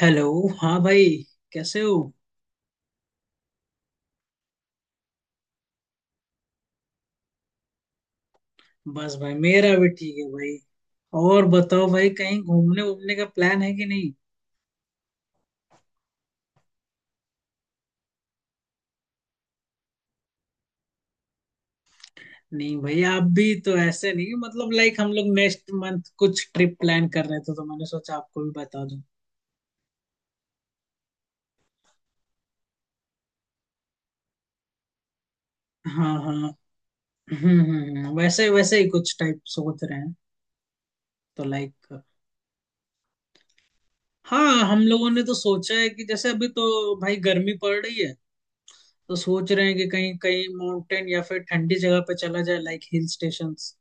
Hello, हाँ भाई। कैसे हो? बस भाई मेरा भी ठीक है भाई। और बताओ भाई, कहीं घूमने वूमने का प्लान है कि नहीं? नहीं भाई, आप भी तो ऐसे नहीं, मतलब लाइक हम लोग नेक्स्ट मंथ कुछ ट्रिप प्लान कर रहे थे, तो मैंने सोचा आपको भी बता दूं। हाँ, हाँ। वैसे वैसे ही कुछ टाइप सोच रहे हैं। तो लाइक हाँ, हम लोगों ने तो सोचा है कि जैसे अभी तो भाई गर्मी पड़ रही है, तो सोच रहे हैं कि कहीं कहीं माउंटेन या फिर ठंडी जगह पे चला जाए, लाइक हिल स्टेशंस।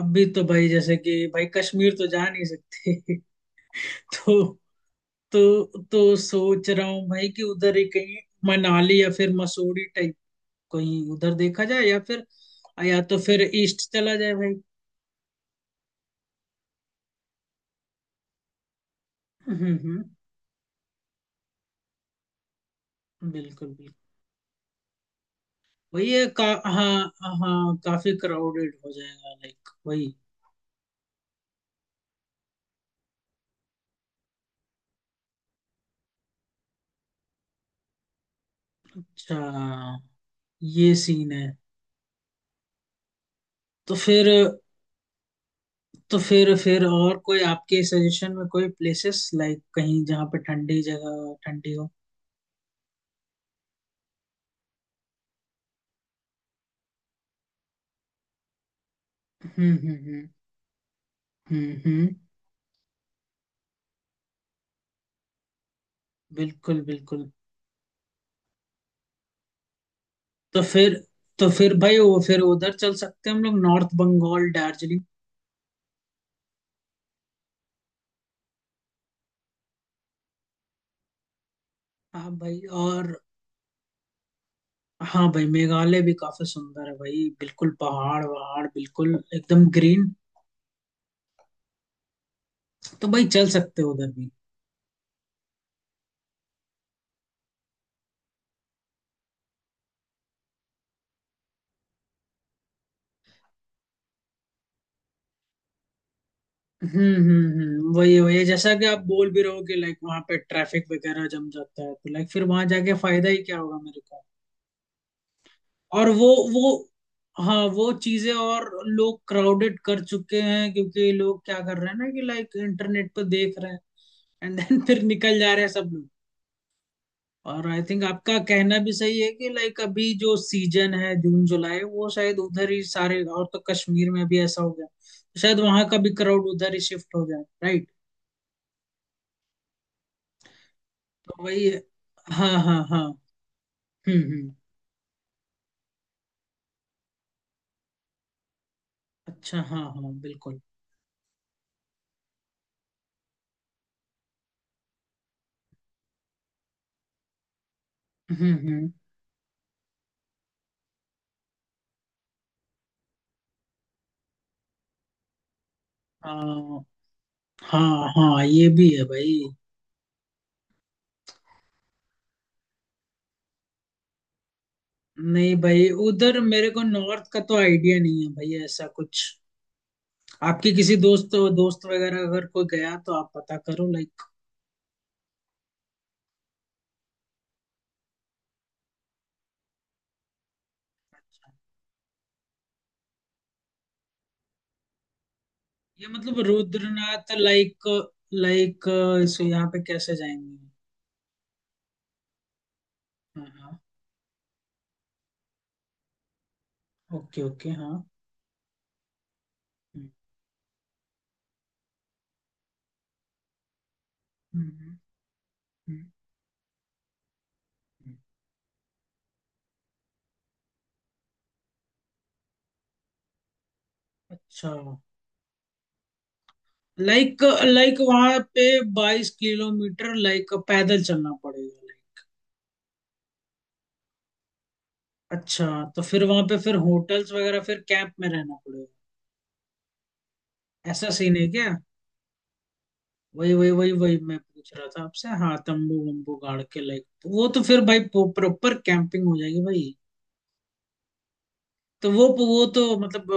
अभी तो भाई जैसे कि भाई कश्मीर तो जा नहीं सकते तो तो सोच रहा हूँ भाई कि उधर ही कहीं मनाली या फिर मसूरी टाइप कहीं उधर देखा जाए, या फिर या तो फिर ईस्ट चला जाए भाई। हम्म, हम्म। बिल्कुल, बिल्कुल। वही है का। हाँ, हाँ, काफी क्राउडेड हो जाएगा लाइक वही। अच्छा, ये सीन है। तो फिर तो फिर और कोई आपके सजेशन में कोई प्लेसेस, लाइक कहीं जहाँ पे ठंडी जगह, ठंडी हो। हम्म, हम्म, हम्म, हम्म, हम्म। बिल्कुल, बिल्कुल। तो फिर तो फिर भाई वो फिर उधर चल सकते हैं हम लोग, नॉर्थ बंगाल, दार्जिलिंग। हाँ भाई, और हाँ भाई, मेघालय भी काफी सुंदर है भाई, बिल्कुल पहाड़ वहाड़, बिल्कुल एकदम ग्रीन। तो भाई चल सकते हो उधर भी। वही वही जैसा कि आप बोल भी रहे हो कि लाइक वहां पे ट्रैफिक वगैरह जम जाता है, तो लाइक फिर वहां जाके फायदा ही क्या होगा मेरे को। और वो हाँ, वो चीजें और लोग क्राउडेड कर चुके हैं, क्योंकि लोग क्या कर रहे हैं ना, कि लाइक इंटरनेट पर देख रहे हैं, एंड देन फिर निकल जा रहे हैं सब लोग। और आई थिंक आपका कहना भी सही है, कि लाइक अभी जो सीजन है, जून जुलाई, वो शायद उधर ही सारे, और तो कश्मीर में भी ऐसा हो गया, तो शायद वहां का भी क्राउड उधर ही शिफ्ट हो जाए, राइट। तो वही है। हाँ, हाँ, हाँ। हम्म, हम्म। अच्छा, हाँ हाँ, बिल्कुल। हम्म, हम्म। हाँ, हाँ, हाँ, ये भी है भाई। नहीं भाई, उधर मेरे को नॉर्थ का तो आइडिया नहीं है भाई ऐसा कुछ। आपके किसी दोस्त दोस्त वगैरह अगर कोई गया तो आप पता करो, लाइक ये मतलब रुद्रनाथ, लाइक लाइक सो यहाँ पे कैसे जाएंगे? हाँ हाँ, ओके ओके, हाँ। हम्म, हम्म, हम्म, हम्म। अच्छा। लाइक लाइक वहां पे 22 किलोमीटर लाइक पैदल चलना पड़ेगा लाइक? अच्छा, तो फिर वहां पे फिर होटल्स वगैरह, फिर कैंप में रहना पड़ेगा? ऐसा सीन है क्या? वही वही वही वही मैं पूछ रहा था आपसे, हाँ तंबू वंबू गाड़ के, लाइक वो तो फिर भाई प्रॉपर कैंपिंग हो जाएगी भाई। तो वो तो मतलब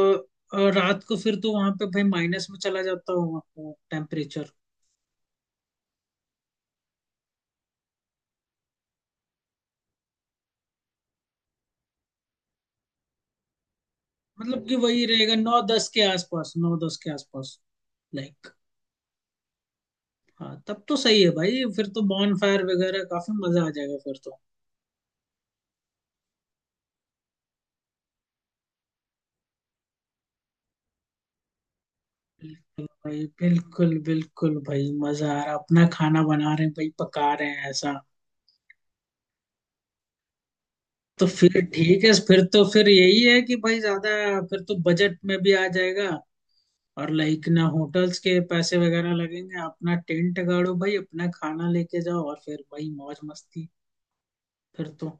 रात को फिर तो वहां पे भाई माइनस में चला जाता होगा टेम्परेचर? मतलब कि वही रहेगा 9-10 के आसपास, 9-10 के आसपास? लाइक हाँ, तब तो सही है भाई, फिर तो बॉन फायर वगैरह, काफी मजा आ जाएगा फिर तो। बिल्कुल भाई, बिल्कुल बिल्कुल भाई, मजा आ रहा, अपना खाना बना रहे हैं भाई, पका रहे हैं ऐसा। तो फिर ठीक है, फिर तो, फिर यही है कि भाई ज्यादा, फिर तो बजट में भी आ जाएगा। और लाइक ना होटल्स के पैसे वगैरह लगेंगे, अपना टेंट गाड़ो भाई, अपना खाना लेके जाओ, और फिर भाई मौज मस्ती, फिर तो।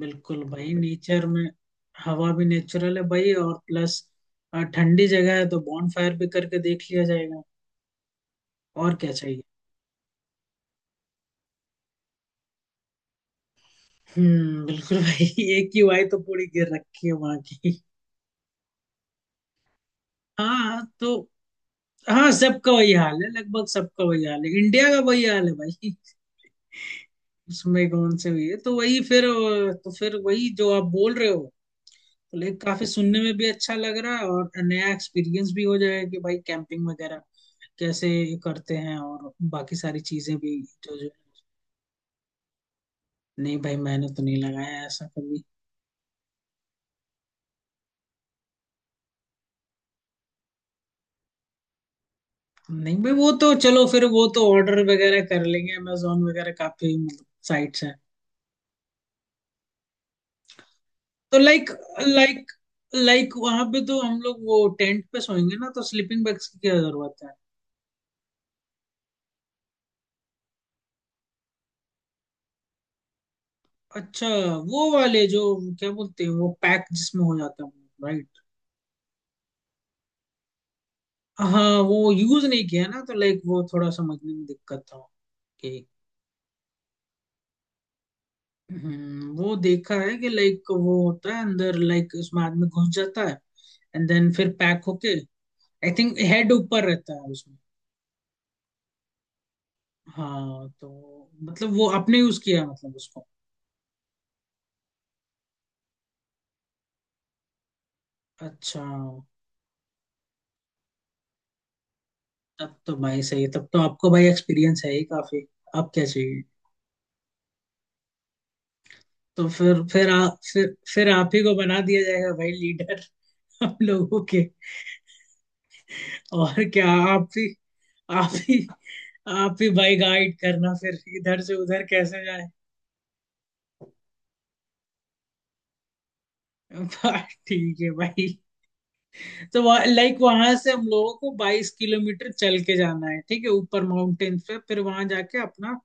बिल्कुल भाई, नेचर में हवा भी नेचुरल है भाई, और प्लस ठंडी जगह है, तो बॉनफायर भी करके देख लिया जाएगा। और क्या चाहिए? हम्म, बिल्कुल भाई। एक ही वाई तो पूरी गिर रखी है वहां की। हाँ तो, हाँ, सबका वही हाल है, लगभग सबका वही हाल है, इंडिया का वही हाल है भाई। उसमें कौन से हुई है, तो वही फिर, तो फिर वही जो आप बोल रहे हो। तो लाइक काफी सुनने में भी अच्छा लग रहा है, और नया एक्सपीरियंस भी हो जाएगा कि भाई कैंपिंग वगैरह कैसे करते हैं, और बाकी सारी चीजें भी जो जो। नहीं भाई, मैंने तो नहीं लगाया ऐसा कभी। नहीं भाई वो तो चलो फिर, वो तो ऑर्डर वगैरह कर लेंगे, अमेजोन वगैरह काफी मतलब साइट्स हैं। तो लाइक लाइक लाइक वहां पे तो हम लोग वो टेंट पे सोएंगे ना, तो स्लीपिंग बैग्स की क्या जरूरत है? अच्छा, वो वाले जो, क्या बोलते हैं वो, पैक जिसमें हो जाता है, राइट। हाँ, वो यूज नहीं किया ना, तो लाइक वो थोड़ा समझने में दिक्कत था कि, वो देखा है कि लाइक वो होता है अंदर, लाइक उसमें आदमी घुस जाता है, एंड देन फिर पैक होके, आई थिंक हेड ऊपर रहता है उसमें। हाँ तो, मतलब वो आपने यूज किया है मतलब उसको? अच्छा, तब तो भाई सही, तब तो आपको भाई एक्सपीरियंस है ही काफी। आप क्या चाहिए। तो फिर आ, फिर आप ही को बना दिया जाएगा भाई लीडर। हम लोगों के। और क्या। आप ही आप ही आप ही भाई गाइड करना, फिर इधर से उधर कैसे जाए। बस ठीक है भाई। तो लाइक वहां से हम लोगों को 22 किलोमीटर चल के जाना है, ठीक है, ऊपर माउंटेन्स पे, फिर वहां जाके अपना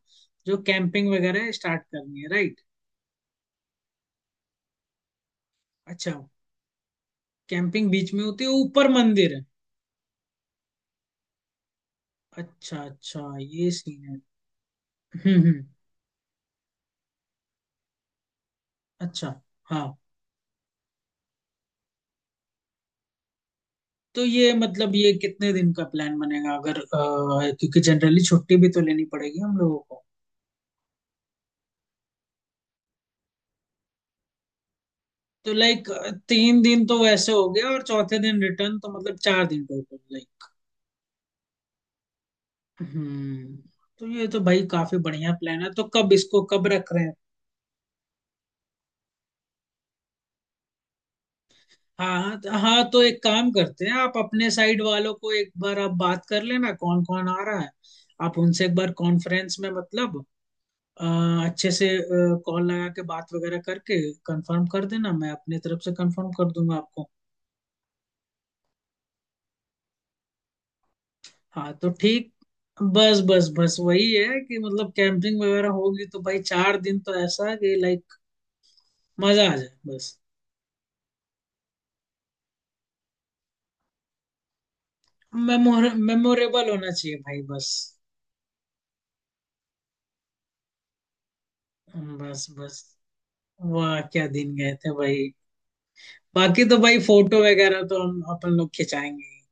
जो कैंपिंग वगैरह है स्टार्ट करनी है, राइट। अच्छा, कैंपिंग बीच में होती है, ऊपर मंदिर है। अच्छा अच्छा, ये सीन है। हम्म, हम्म। अच्छा हाँ, तो ये मतलब ये कितने दिन का प्लान बनेगा अगर। क्योंकि जनरली छुट्टी भी तो लेनी पड़ेगी हम लोगों को। तो लाइक 3 दिन तो वैसे हो गया, और चौथे दिन रिटर्न, तो मतलब 4 दिन टोटल लाइक। हम्म। तो ये तो भाई काफी बढ़िया प्लान है, तो कब इसको कब रख रहे हैं? हाँ हाँ तो एक काम करते हैं, आप अपने साइड वालों को एक बार आप बात कर लेना, कौन कौन आ रहा है। आप उनसे एक बार कॉन्फ्रेंस में मतलब, अ, अच्छे से कॉल लगा के बात वगैरह करके कंफर्म कर देना, मैं अपने तरफ से कंफर्म कर दूंगा आपको। हाँ तो ठीक, बस बस बस, वही है कि मतलब कैंपिंग वगैरह होगी तो भाई 4 दिन तो, ऐसा कि लाइक मजा आ जाए बस। मेमोरेबल होना चाहिए भाई, बस बस बस। वाह क्या दिन गए थे भाई। बाकी तो भाई फोटो वगैरह तो हम अपन लोग खिंचाएंगे ही।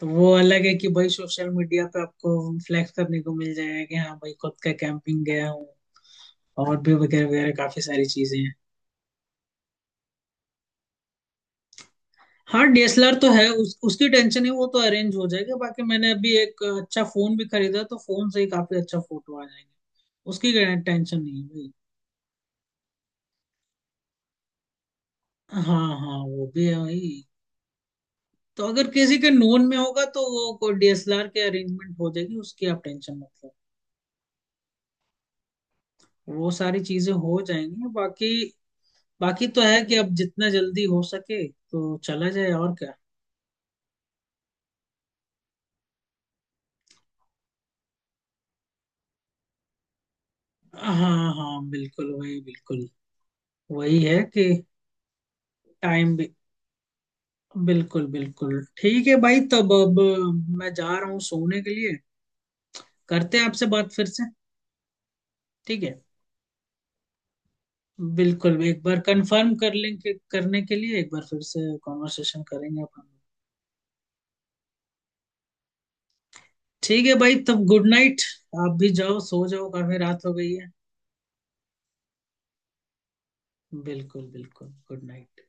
तो वो अलग है कि भाई सोशल मीडिया पे आपको फ्लैक्स करने को मिल जाएगा, कि हाँ भाई खुद का कैंपिंग गया हूँ, और भी वगैरह वगैरह, काफी सारी चीजें हैं। हाँ, डीएसएलआर तो है उसकी टेंशन है, वो तो अरेंज हो जाएगा, बाकी मैंने अभी एक अच्छा फोन भी खरीदा, तो फोन से ही काफी अच्छा फोटो आ जाएंगे। उसकी टेंशन नहीं है भाई। हाँ हाँ, वो भी है भाई। तो अगर किसी के नोन में होगा तो वो कोई डीएसएलआर के अरेंजमेंट हो जाएगी, उसकी आप टेंशन मत लो। वो सारी चीजें हो जाएंगी बाकी। बाकी तो है कि अब जितना जल्दी हो सके तो चला जाए, और क्या। हाँ हाँ, बिल्कुल वही, बिल्कुल वही है कि टाइम भी। बिल्कुल, बिल्कुल ठीक है भाई, तब अब मैं जा रहा हूँ सोने के लिए, करते हैं आपसे बात फिर से, ठीक है। बिल्कुल, एक बार कंफर्म कर लेंगे, करने के लिए एक बार फिर से कॉन्वर्सेशन करेंगे अपन। ठीक है भाई, तब गुड नाइट, आप भी जाओ सो जाओ, काफी रात हो गई है। बिल्कुल बिल्कुल, गुड नाइट।